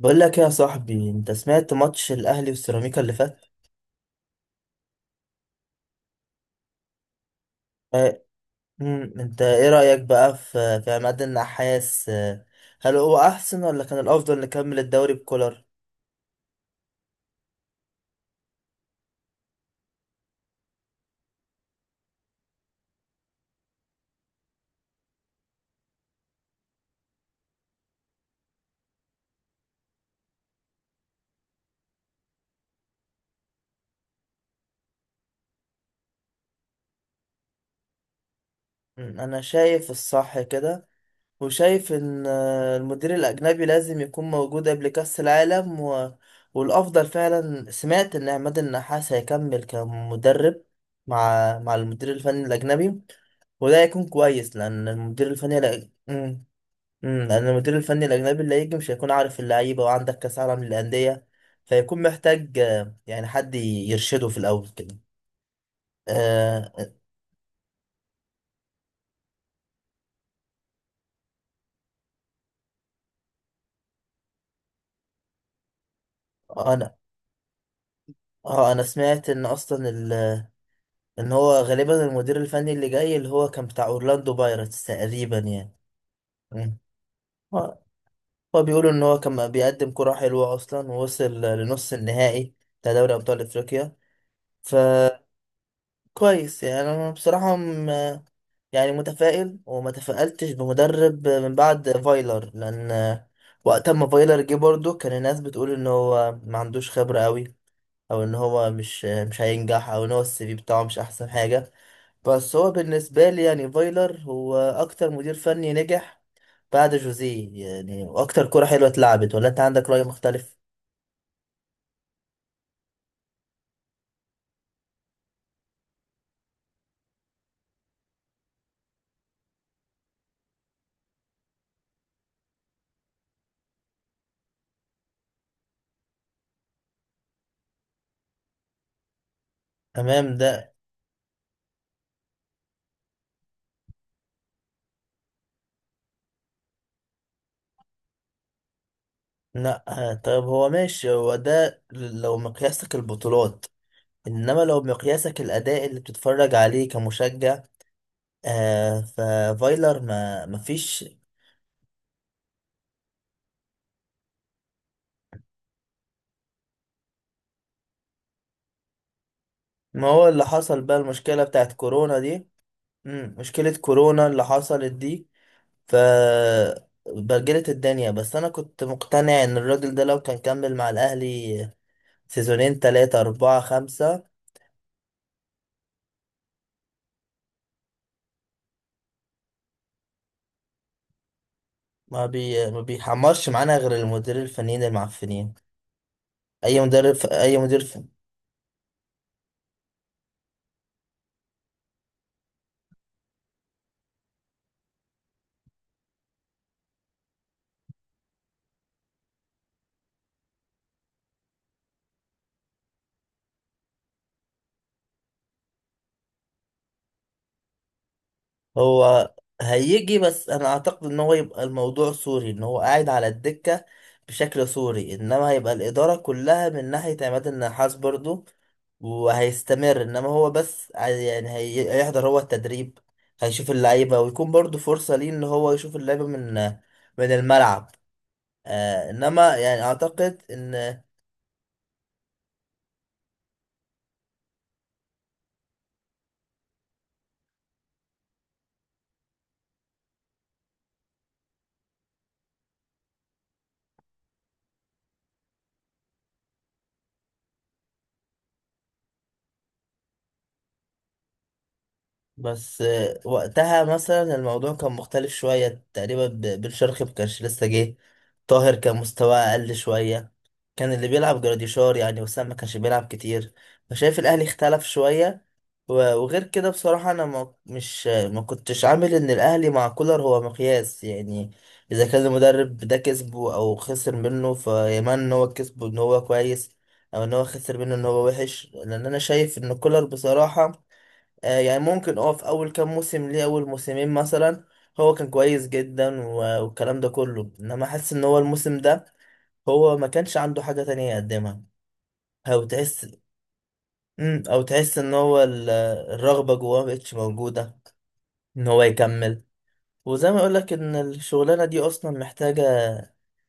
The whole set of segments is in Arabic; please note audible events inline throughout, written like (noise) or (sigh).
بقول لك يا صاحبي، انت سمعت ماتش الاهلي والسيراميكا اللي فات؟ اه. انت ايه رايك بقى في عماد النحاس اه، هل هو احسن ولا كان الافضل نكمل الدوري بكولر؟ انا شايف الصح كده. وشايف ان المدير الاجنبي لازم يكون موجود قبل كاس العالم والافضل فعلا سمعت ان عماد النحاس هيكمل كمدرب مع المدير الفني الاجنبي. وده هيكون كويس لان المدير الفني لان المدير الفني الاجنبي اللي هيجي مش هيكون عارف اللعيبه، وعندك كاس عالم للانديه. فيكون محتاج يعني حد يرشده في الاول كده. آه. انا اه انا سمعت ان اصلا ان هو غالبا المدير الفني اللي جاي اللي هو كان بتاع اورلاندو بايرتس تقريبا يعني. مم. هو هو بيقولوا ان هو كان بيقدم كرة حلوة اصلا، ووصل لنص النهائي بتاع دوري ابطال افريقيا. فكويس، يعني انا بصراحة يعني متفائل، وما تفائلتش بمدرب من بعد فايلر. لان وقت ما فايلر جه برضه كان الناس بتقول ان هو ما عندوش خبرة قوي، او ان هو مش هينجح، او ان هو السي في بتاعه مش احسن حاجة. بس هو بالنسبة لي يعني فايلر هو اكتر مدير فني نجح بعد جوزيه، يعني واكتر كرة حلوة اتلعبت. ولا انت عندك رأي مختلف؟ تمام ده. لا. آه، طيب هو ماشي، هو ده لو مقياسك البطولات. انما لو مقياسك الاداء اللي بتتفرج عليه كمشجع، آه ففايلر ما فيش. ما هو اللي حصل بقى المشكلة بتاعت كورونا دي. مم. مشكلة كورونا اللي حصلت دي، ف بجلت الدنيا. بس انا كنت مقتنع ان الراجل ده لو كان كمل مع الاهلي سيزونين، تلاتة، اربعة، خمسة. ما بيحمرش معانا غير المدير الفنيين المعفنين، اي مدرب، اي مدير. هو هيجي، بس انا اعتقد ان هو يبقى الموضوع سوري، ان هو قاعد على الدكة بشكل سوري، انما هيبقى الادارة كلها من ناحية عماد النحاس برضو، وهيستمر. انما هو بس هيحضر هو التدريب، هيشوف اللعيبة، ويكون برضو فرصة ليه ان هو يشوف اللعيبة من الملعب. آه انما يعني اعتقد ان بس وقتها مثلا الموضوع كان مختلف شوية تقريبا، بن شرقي مكانش لسه جه. طاهر كان مستواه أقل شوية، كان اللي بيلعب جراديشار، يعني وسام ما كانش بيلعب كتير. فشايف الأهلي اختلف شوية. وغير كده بصراحة أنا ما مش ما كنتش عامل إن الأهلي مع كولر هو مقياس، يعني إذا كان المدرب ده كسبه أو خسر منه، فيمان إن هو كسبه إن هو كويس، أو إن هو خسر منه إن هو وحش. لأن أنا شايف إن كولر بصراحة، يعني ممكن في اول كام موسم ليه، اول موسمين مثلا، هو كان كويس جدا والكلام ده كله. انما حاسس ان هو الموسم ده هو ما كانش عنده حاجة تانية يقدمها، او تحس، او تحس ان هو الرغبة جواه مبقتش موجودة ان هو يكمل. وزي ما اقولك، ان الشغلانة دي اصلا محتاجة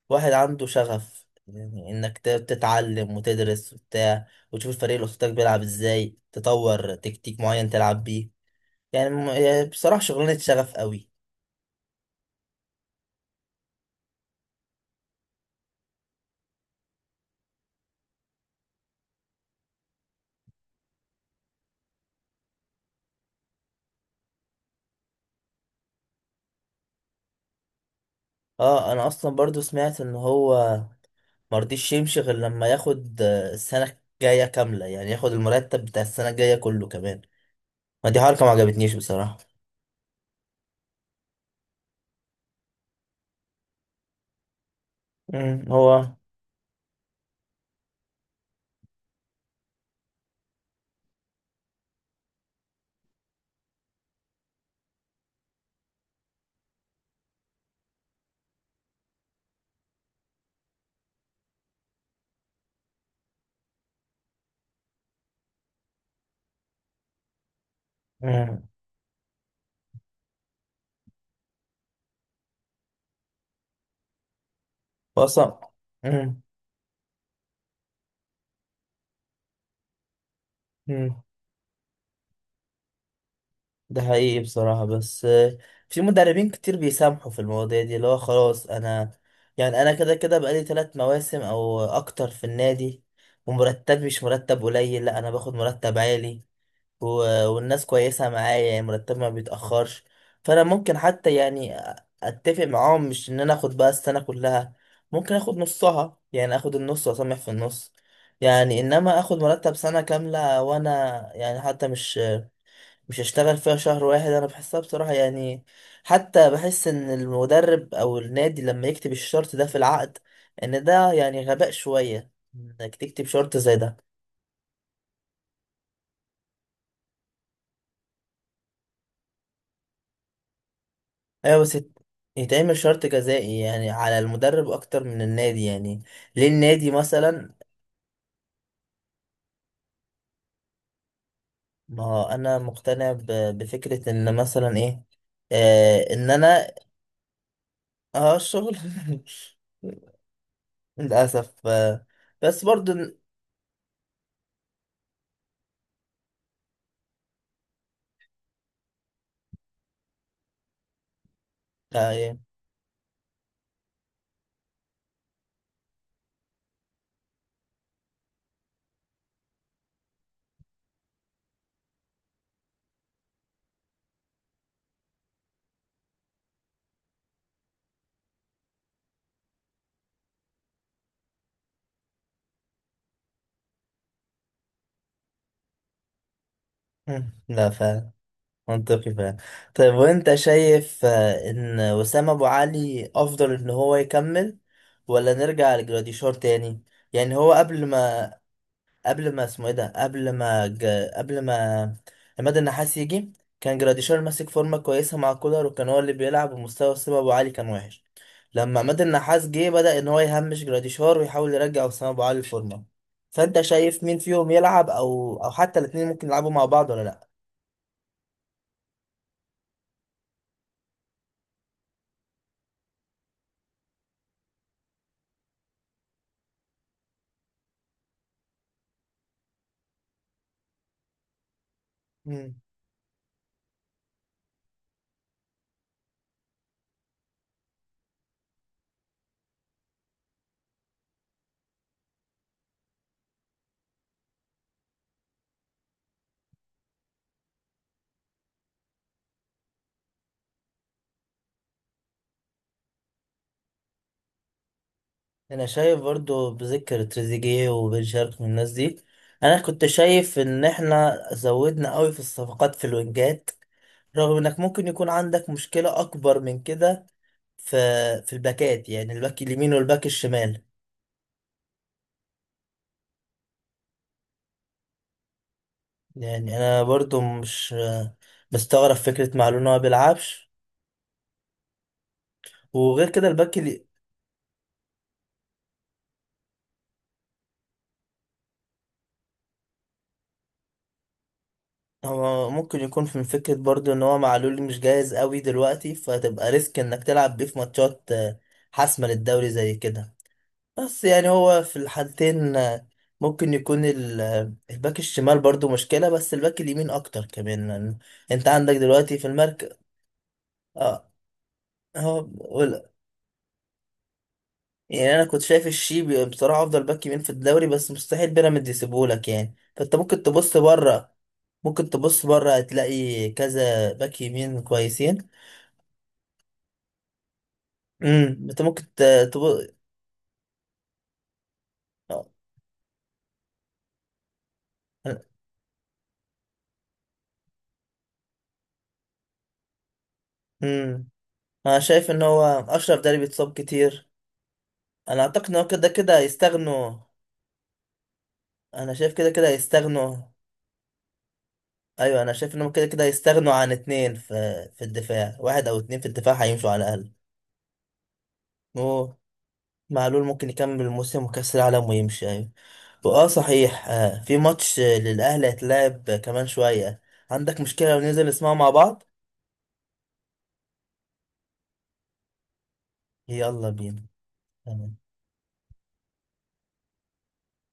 واحد عنده شغف، يعني انك تتعلم وتدرس وبتاع، وتشوف الفريق اللي قصادك بيلعب ازاي، تطور تكتيك معين تلعب بيه. يعني يعني بصراحة شغلانة شغف قوي. اه انا اصلا برضو سمعت ان هو مرضيش يمشي غير لما ياخد السنة الجاية كاملة، يعني ياخد المرتب بتاع السنة الجاية كله كمان. ما دي حركة ما عجبتنيش بصراحة. هو. امم هو اصلا. امم. امم ده حقيقي بصراحة. بس في مدربين كتير بيسامحوا في المواضيع دي، اللي هو خلاص انا يعني انا كده كده بقالي ثلاث مواسم او اكتر في النادي، ومرتب مش مرتب قليل، لا انا باخد مرتب عالي و... والناس كويسة معايا، يعني مرتب ما بيتأخرش. فأنا ممكن حتى يعني أتفق معاهم، مش إن أنا آخد بقى السنة كلها، ممكن آخد نصها، يعني آخد النص وأسامح في النص. يعني إنما آخد مرتب سنة كاملة وأنا يعني حتى مش هشتغل فيها شهر واحد، أنا بحسها بصراحة يعني. حتى بحس إن المدرب أو النادي لما يكتب الشرط ده في العقد، إن ده يعني غباء شوية إنك تكتب شرط زي ده. ايوه بس يتعمل شرط جزائي يعني على المدرب اكتر من النادي، يعني ليه النادي مثلا؟ ما هو انا مقتنع بفكرة ان مثلا ايه، ان انا. اه الشغل. (laughs) للاسف آه. بس برضو يعني. لا فعلا. منطقي فعلا. طيب وانت شايف ان وسام ابو علي افضل ان هو يكمل، ولا نرجع لجراديشار تاني؟ يعني هو قبل ما، قبل ما اسمه ايه ده قبل ما ج... قبل ما عماد النحاس يجي، كان جراديشار ماسك فورمه كويسه مع كولر، وكان هو اللي بيلعب، ومستوى اسامه ابو علي كان وحش. لما عماد النحاس جه بدأ ان هو يهمش جراديشار ويحاول يرجع اسامه ابو علي الفورمه. فانت شايف مين فيهم يلعب، او حتى الاثنين ممكن يلعبوا مع بعض ولا لا؟ مم. انا شايف برضو بذكر تريزيجيه وبن شرقي من الناس دي. انا كنت شايف ان احنا زودنا قوي في الصفقات في الوينجات، رغم انك ممكن يكون عندك مشكلة اكبر من كده في في الباكات، يعني الباك اليمين والباك الشمال. يعني انا برضو مش مستغرب فكرة معلول إن هو بيلعبش. وغير كده الباك اللي هو ممكن يكون من فكرة برضو ان هو معلول مش جاهز قوي دلوقتي، فهتبقى ريسك انك تلعب بيه في ماتشات حاسمة للدوري زي كده. بس يعني هو في الحالتين، ممكن يكون الباك الشمال برضو مشكلة، بس الباك اليمين أكتر كمان، لأن أنت عندك دلوقتي في المركز. اه هو ولا. يعني أنا كنت شايف الشيبي بصراحة أفضل باك يمين في الدوري، بس مستحيل بيراميدز يسيبهولك يعني، فأنت ممكن تبص بره. ممكن تبص بره، هتلاقي كذا باك يمين كويسين. أنت ممكن تبص. امم أنا شايف إن هو أشرف داري بيتصاب كتير. أنا أعتقد إن هو كده كده هيستغنوا. انا شايف كده كده هيستغنوا. ايوه انا شايف انهم كده كده هيستغنوا عن اتنين في الدفاع، واحد او اتنين في الدفاع هيمشوا على الاقل. هو معلول ممكن يكمل الموسم وكاس العالم ويمشي، ايوه. واه صحيح، في ماتش للاهلي هيتلعب كمان شويه، عندك مشكله لو ننزل نسمعه مع بعض؟ يلا بينا. تمام.